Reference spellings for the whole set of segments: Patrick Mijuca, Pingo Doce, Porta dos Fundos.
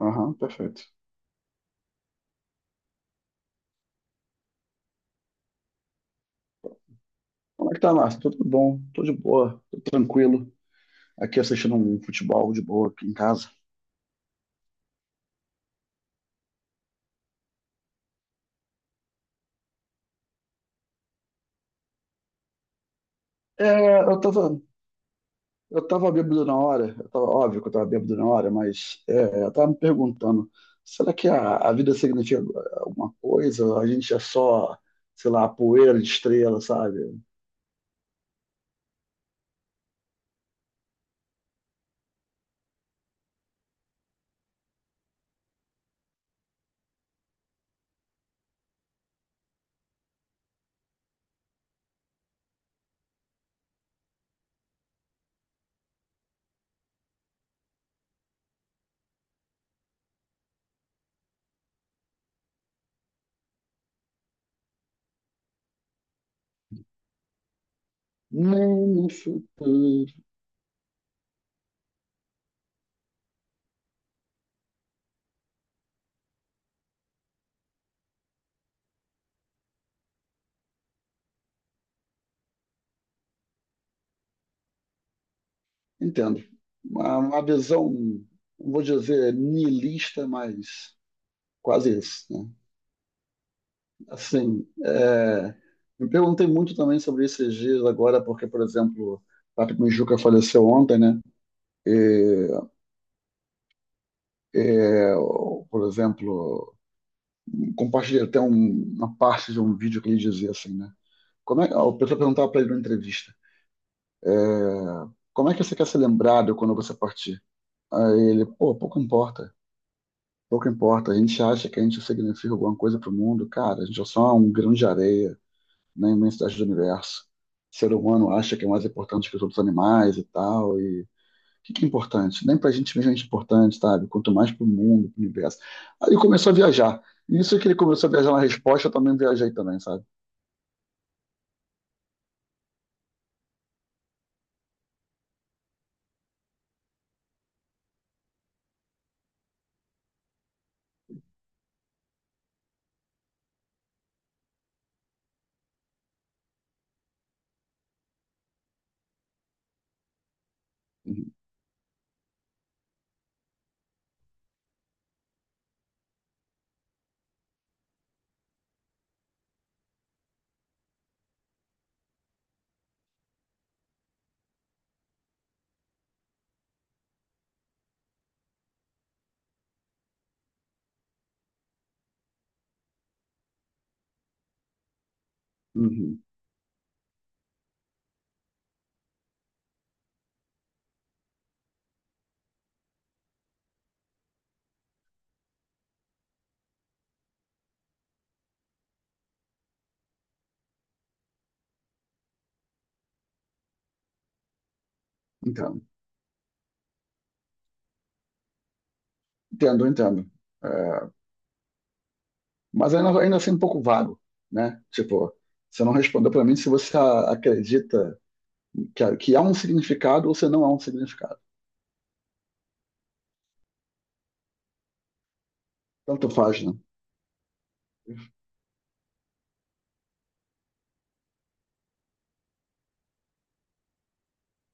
Aham, perfeito. Como é que tá, Márcio? Tudo bom? Tô de boa, tô tranquilo. Aqui assistindo um futebol de boa aqui em casa. É, eu tava bêbado na hora. Eu tava, óbvio que eu tava bêbado na hora, mas eu tava me perguntando, será que a vida significa alguma coisa? A gente é só, sei lá, poeira de estrela, sabe? Nem no futuro. Entendo. Uma visão, não vou dizer niilista, mas quase isso, né? Assim, me perguntei muito também sobre esses dias agora, porque, por exemplo, Patrick Mijuca faleceu ontem, né? E, é, por exemplo, compartilhei até uma parte de um vídeo que ele dizia assim, né? Como é, o pessoal perguntava para ele numa entrevista, como é que você quer ser lembrado quando você partir? Aí ele, pô, pouco importa, pouco importa. A gente acha que a gente significa alguma coisa para o mundo, cara, a gente é só um grão de areia na imensidade do universo. O ser humano acha que é mais importante que os outros animais e tal, e o que é importante? Nem pra gente mesmo é importante, sabe? Quanto mais pro mundo, pro universo. Aí ele começou a viajar. E isso que ele começou a viajar na resposta, eu também viajei também, sabe? Uhum. Entendo, entendo, entendo. É, mas ainda assim um pouco vago, né? Tipo, você não respondeu pra mim se você acredita que há um significado ou se não há um significado. Tanto faz, né?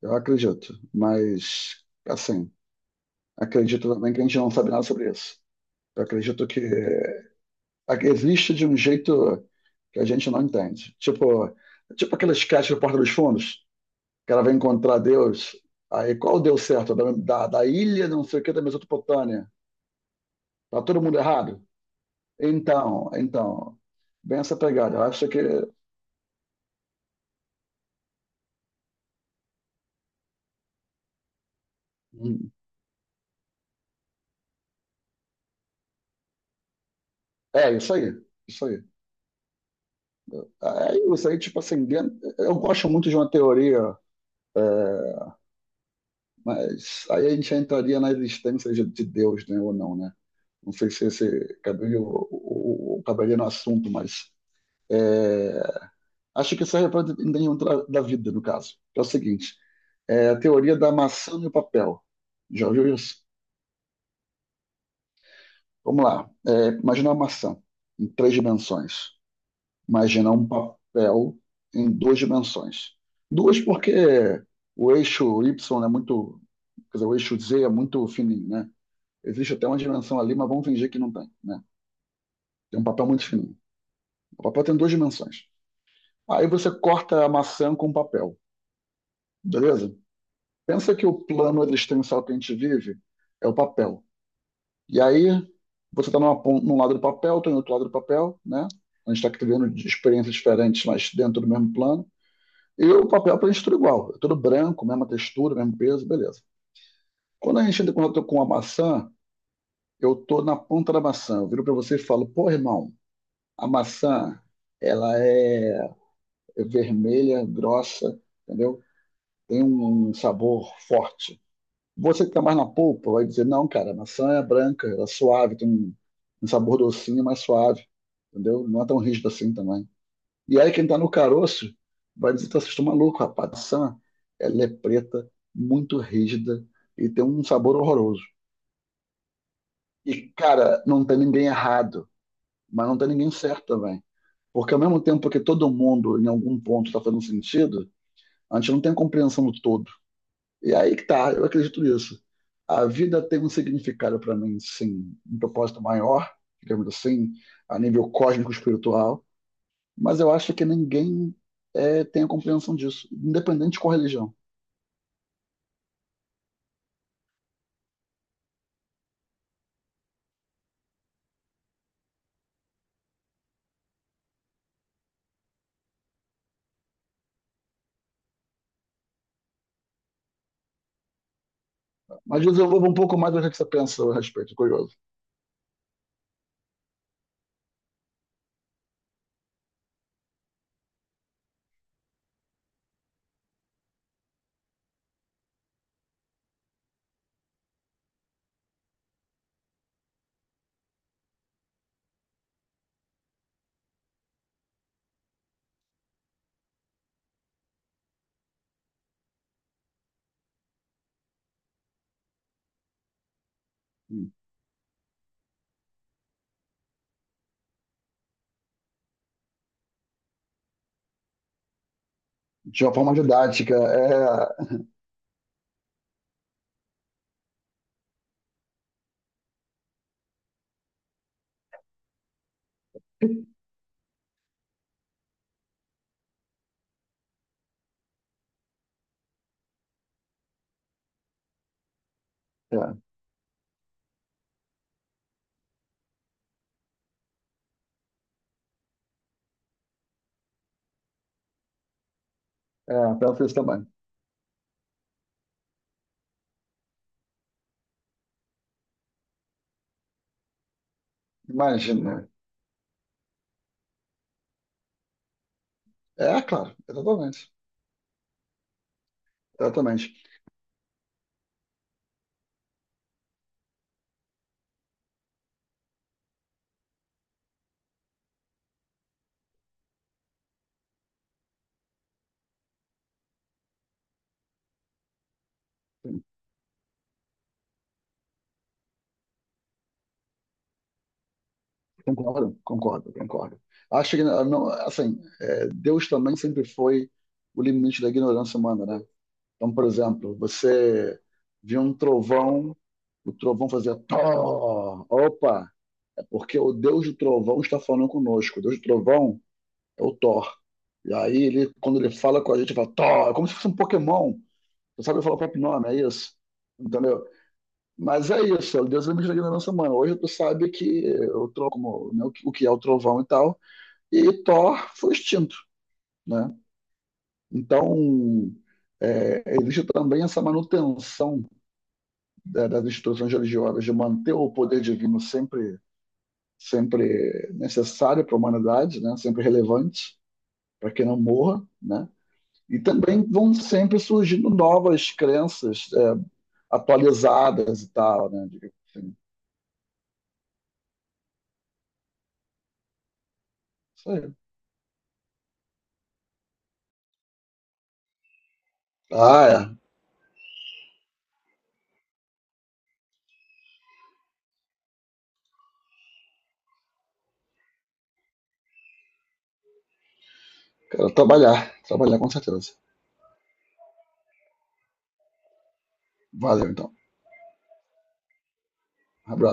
Eu acredito, mas assim, acredito também que a gente não sabe nada sobre isso. Eu acredito que existe de um jeito que a gente não entende. Tipo aquele sketch do Porta dos Fundos, que ela vai encontrar Deus. Aí qual deu certo? Da ilha, não sei o que, da Mesopotâmia. Tá todo mundo errado? Então, bem essa pegada. Eu acho que hum, é isso aí, isso aí. É isso aí, tipo assim, eu gosto muito de uma teoria, é, mas aí a gente entraria na existência de Deus, né, ou não, né? Não sei se esse cabelo o caberia no assunto, mas é, acho que serve para nenhum da vida, no caso. Que é o seguinte: é a teoria da maçã e o papel. Já ouviu isso? Vamos lá. Imagina uma maçã em três dimensões. Imagina um papel em duas dimensões. Duas porque o eixo Y é muito, quer dizer, o eixo Z é muito fininho, né? Existe até uma dimensão ali, mas vamos fingir que não tem, né? Tem um papel muito fininho. O papel tem duas dimensões. Aí você corta a maçã com papel, beleza? Pensa que o plano existencial que a gente vive é o papel. E aí você está num lado do papel, estou em outro lado do papel, né? A gente está vivendo de experiências diferentes, mas dentro do mesmo plano. E o papel para a gente é tudo igual, é tudo branco, mesma textura, mesmo peso, beleza. Quando a gente entra em contato com a maçã, eu estou na ponta da maçã. Eu viro para você e falo, pô, irmão, a maçã, ela é vermelha, grossa, entendeu? Tem um sabor forte. Você que está mais na polpa vai dizer, não, cara, a maçã é branca, ela é suave, tem um sabor docinho, mais suave, entendeu? Não é tão rígido assim também. E aí quem está no caroço vai dizer, tá, vocês estão malucos, rapaz, a maçã, ela é preta, muito rígida e tem um sabor horroroso. E, cara, não tem ninguém errado, mas não tem ninguém certo também. Porque ao mesmo tempo que todo mundo, em algum ponto, está fazendo sentido, a gente não tem a compreensão do todo. E aí que tá, eu acredito nisso. A vida tem um significado para mim, sim, um propósito maior, digamos assim, a nível cósmico espiritual, mas eu acho que ninguém tem a compreensão disso, independente de qual religião. Mas desenvolva um pouco mais do que você pensa a respeito, curioso. De uma forma didática, penso isso também. Imagina. É, claro, exatamente. Exatamente. Concordo, concordo, concordo. Acho que, ah, não, assim, Deus também sempre foi o limite da ignorância humana, né? Então, por exemplo, você viu um trovão, o trovão fazia Thor. Opa, é porque o Deus do trovão está falando conosco. O Deus do trovão é o Thor. E aí, ele, quando ele fala com a gente, ele fala Thor. É como se fosse um Pokémon. Você sabe falar o próprio nome, é isso. Entendeu? Mas é isso, Deus é o limite da ignorância humana. Hoje tu sabe como, né, o que é o trovão e tal e Thor foi extinto, né? Então, existe também essa manutenção das instituições religiosas, de manter o poder divino sempre, sempre necessário para a humanidade, né? Sempre relevante, para que não morra. Né? E também vão sempre surgindo novas crenças atualizadas e tal. Né? Isso aí. Ah, é. Quero trabalhar, trabalhar com certeza. Valeu, então. Abraço.